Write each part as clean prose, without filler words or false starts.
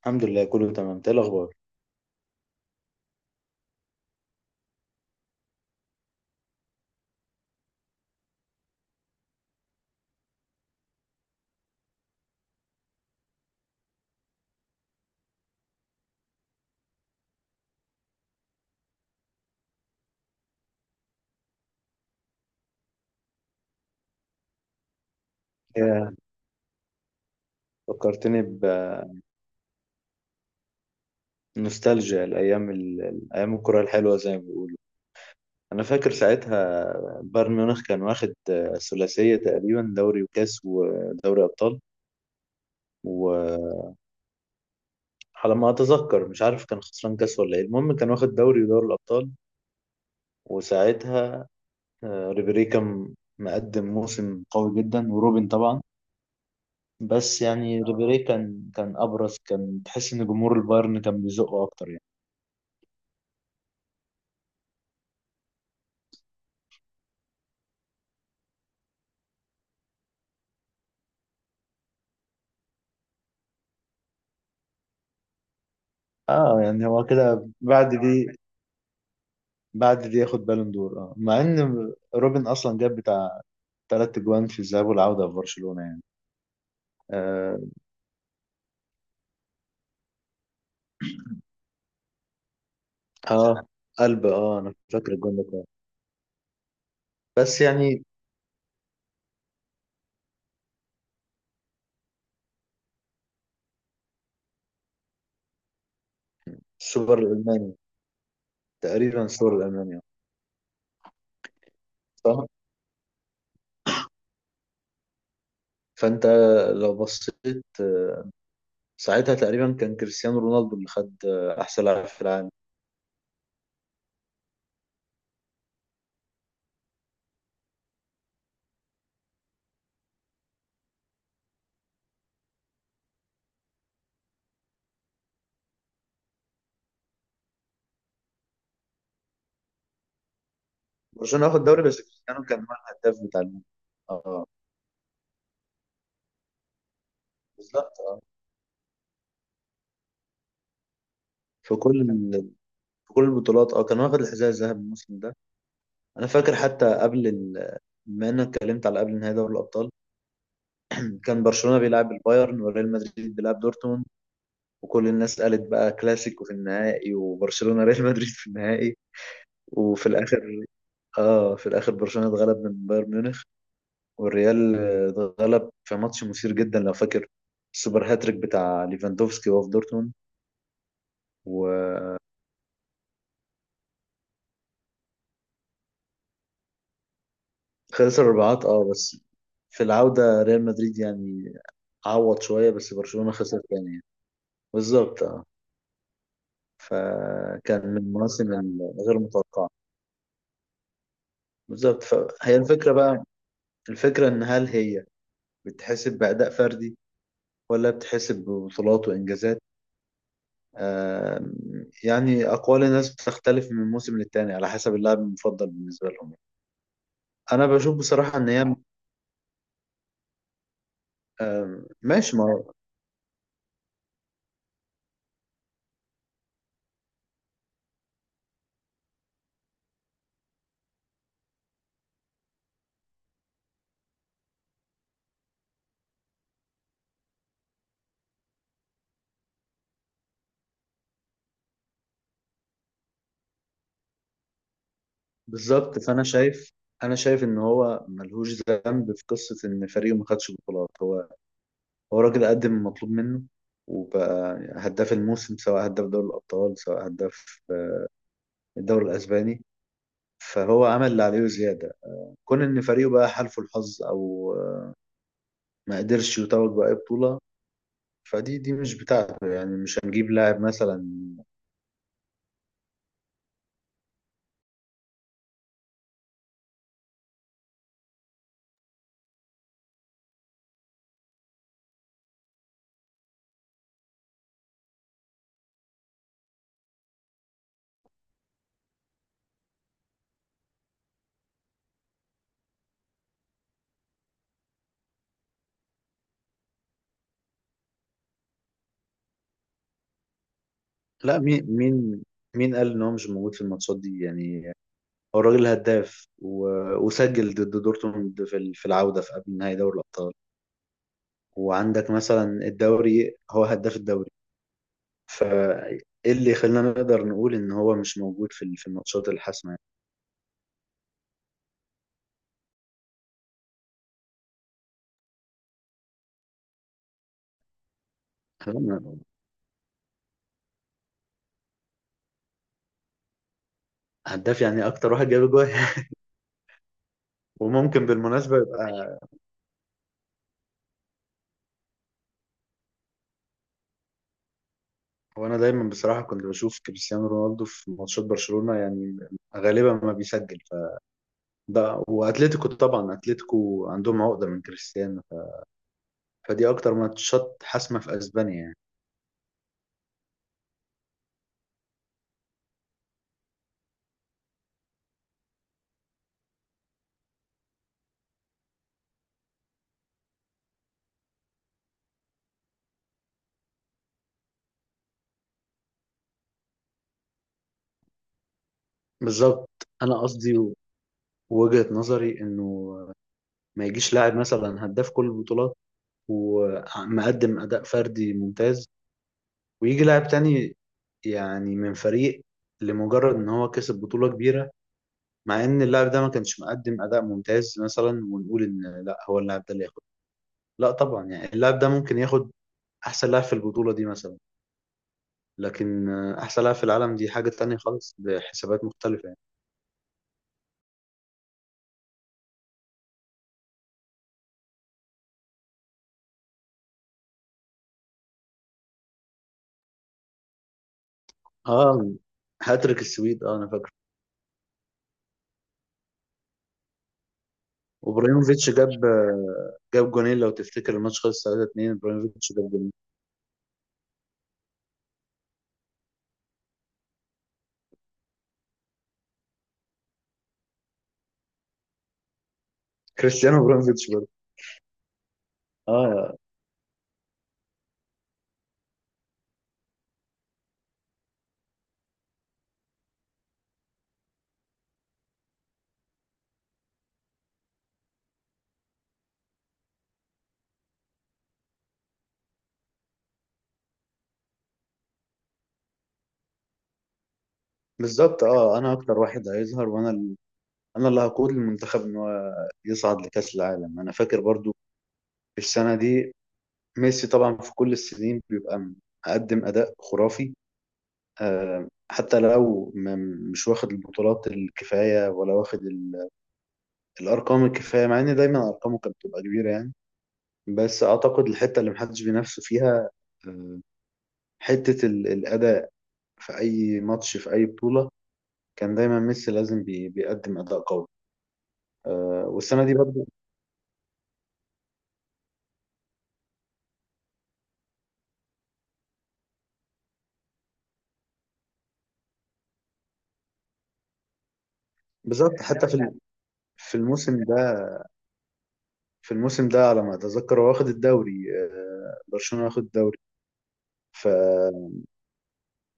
الحمد لله كله تمام إنت ايه الاخبار يا فكرتني بنوستالجيا الايام ايام الكره الحلوه زي ما بيقولوا. انا فاكر ساعتها بايرن ميونخ كان واخد ثلاثيه تقريبا، دوري وكاس ودوري ابطال. وعلى ما اتذكر مش عارف كان خسران كاس ولا ايه، المهم كان واخد دوري ودوري الابطال. وساعتها ريبيري كان مقدم موسم قوي جدا وروبن طبعا. بس يعني ريبيري كان ابرز، كان تحس ان جمهور البايرن كان بيزقه اكتر يعني. اه، يعني هو كده بعد دي، ياخد بالون دور، مع ان روبن اصلا جاب بتاع تلات جوان في الذهاب والعودة في برشلونة يعني. اه، آه، قلب، انا فاكر الجون ده كويس. بس يعني السوبر الالماني، تقريبا السوبر الالماني. صح. فانت لو بصيت ساعتها تقريبا كان كريستيانو رونالدو اللي خد احسن لاعب في العالم. برشلونة واخد دوري بس كريستيانو كان هو الهداف بتاع اه، بالظبط. اه، في كل في كل البطولات، اه، كان واخد الحذاء الذهبي الموسم ده. انا فاكر حتى بما انك اتكلمت على قبل نهائي دوري الابطال، كان برشلونه بيلعب البايرن وريال مدريد بيلعب دورتموند، وكل الناس قالت بقى كلاسيكو في النهائي وبرشلونه ريال مدريد في النهائي. وفي الاخر اه في الاخر برشلونه اتغلب من بايرن ميونخ، والريال اتغلب في ماتش مثير جدا لو فاكر، السوبر هاتريك بتاع ليفاندوفسكي وهو في دورتموند. وخلص الرباعات. اه بس في العوده ريال مدريد يعني عوض شويه، بس برشلونه خسر تاني يعني. بالظبط. فكان من المواسم الغير متوقعة. بالظبط. فهي الفكرة بقى، الفكرة إن هل هي بتحسب بأداء فردي ولا بتحسب ببطولات وإنجازات؟ آم، يعني أقوال الناس بتختلف من موسم للتاني على حسب اللاعب المفضل بالنسبة لهم. أنا بشوف بصراحة إن هي... ماشي. ما هو بالظبط. فأنا شايف، أنا شايف إن هو ملهوش ذنب في قصة إن فريقه ما خدش بطولات. هو راجل قدم المطلوب منه، وبقى هداف الموسم، سواء هداف دوري الأبطال سواء هداف الدوري الأسباني. فهو عمل اللي عليه وزيادة. كون إن فريقه بقى حالفه الحظ أو ما قدرش يتوج بأي بطولة، فدي مش بتاعته يعني. مش هنجيب لاعب مثلا. لا، مين قال إن هو مش موجود في الماتشات دي يعني؟ هو الراجل هداف و... وسجل ضد دورتموند في العودة في قبل نهائي دوري الأبطال، وعندك مثلا الدوري هو هداف الدوري. فايه اللي يخلينا نقدر نقول ان هو مش موجود في الماتشات الحاسمه؟ يعني هداف يعني اكتر واحد جاب جول وممكن بالمناسبه يبقى. هو انا دايما بصراحه كنت بشوف كريستيانو رونالدو في ماتشات برشلونه يعني، غالبا ما بيسجل. فده، واتلتيكو طبعا، اتلتيكو عندهم عقده من كريستيانو، فدي اكتر ماتشات حاسمه في اسبانيا يعني. بالظبط. انا قصدي، وجهه نظري انه ما يجيش لاعب مثلا هداف كل البطولات ومقدم اداء فردي ممتاز، ويجي لاعب تاني يعني من فريق لمجرد ان هو كسب بطولة كبيرة، مع ان اللاعب ده ما كانش مقدم اداء ممتاز مثلا، ونقول ان لا هو اللاعب ده اللي ياخد. لا طبعا يعني اللاعب ده ممكن ياخد احسن لاعب في البطولة دي مثلا، لكن احسن لاعب في العالم دي حاجة تانية خالص بحسابات مختلفة يعني. اه، هاتريك السويد، اه، انا فاكره. وابراهيموفيتش جاب جاب جونين لو تفتكر، الماتش خلص 3-2. ابراهيموفيتش جاب جونين، كريستيانو ابراهيموفيتش برضه. اه، بالظبط. اه، انا اكتر واحد هيظهر، وانا اللي هقود المنتخب ان هو يصعد لكأس العالم. انا فاكر برضو السنة دي ميسي طبعا في كل السنين بيبقى مقدم اداء خرافي، حتى لو مش واخد البطولات الكفاية ولا واخد الارقام الكفاية، مع ان دايما ارقامه كانت بتبقى كبيرة يعني. بس اعتقد الحتة اللي محدش بينافسه فيها، آه، حتة الاداء. في اي ماتش في اي بطولة كان دايما ميسي لازم بيقدم اداء قوي. والسنة دي برضو بالظبط. حتى في الموسم ده، على ما اتذكر هو واخد الدوري، برشلونة واخد الدوري. ف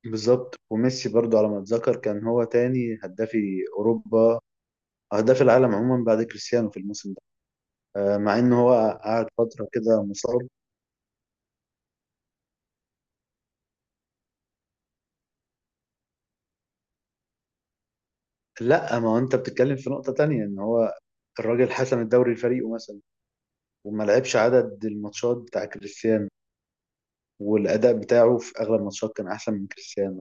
بالظبط. وميسي برضو على ما اتذكر كان هو تاني هدافي اوروبا، هداف العالم عموما بعد كريستيانو في الموسم ده، مع ان هو قعد فترة كده مصاب. لا، ما هو انت بتتكلم في نقطة تانية. ان هو الراجل حسم الدوري لفريقه مثلا، وما لعبش عدد الماتشات بتاع كريستيانو، والاداء بتاعه في اغلب الماتشات كان احسن من كريستيانو.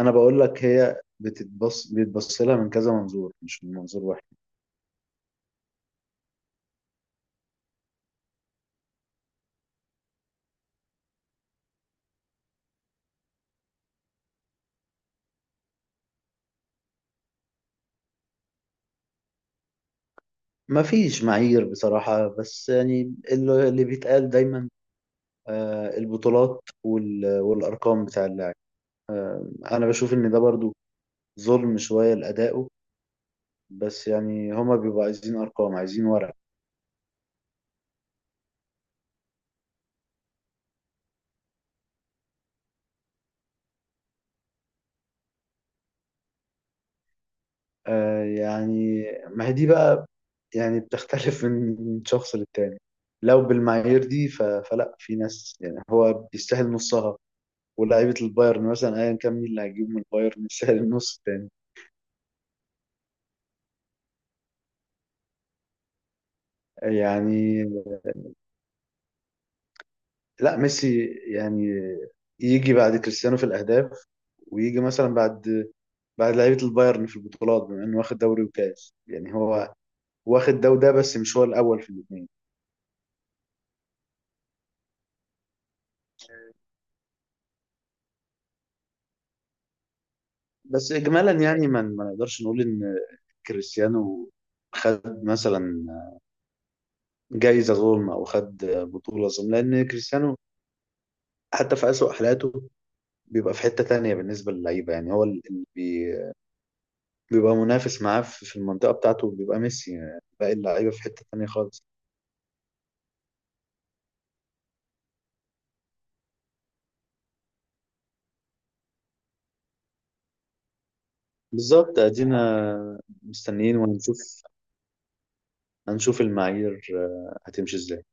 انا بقول لك هي بيتبص لها من كذا منظور مش من منظور واحد. ما فيش معايير بصراحة، بس يعني اللي بيتقال دايما البطولات والأرقام بتاع اللاعب. أنا بشوف إن ده برضو ظلم شوية لأدائه. بس يعني هما بيبقوا عايزين أرقام، عايزين ورق. يعني ما هي دي بقى، يعني بتختلف من شخص للتاني. لو بالمعايير دي فلا في ناس يعني هو بيستاهل نصها، ولاعيبة البايرن مثلا أيا كان مين اللي هيجيب من البايرن يستاهل النص التاني. يعني لا ميسي يعني يجي بعد كريستيانو في الاهداف، ويجي مثلا بعد لعيبه البايرن في البطولات، بما انه واخد دوري وكاس يعني هو واخد ده وده بس مش هو الاول في الاثنين. بس اجمالا يعني ما نقدرش نقول ان كريستيانو خد مثلا جايزه ظلم او خد بطوله ظلم، لان كريستيانو حتى في اسوأ حالاته بيبقى في حته تانية بالنسبه للعيبه، يعني هو اللي بي- بيبقى منافس معاه في المنطقه بتاعته بيبقى ميسي. يعني باقي اللعيبه في حته تانية خالص. بالظبط. ادينا مستنيين وهنشوف، المعايير هتمشي ازاي؟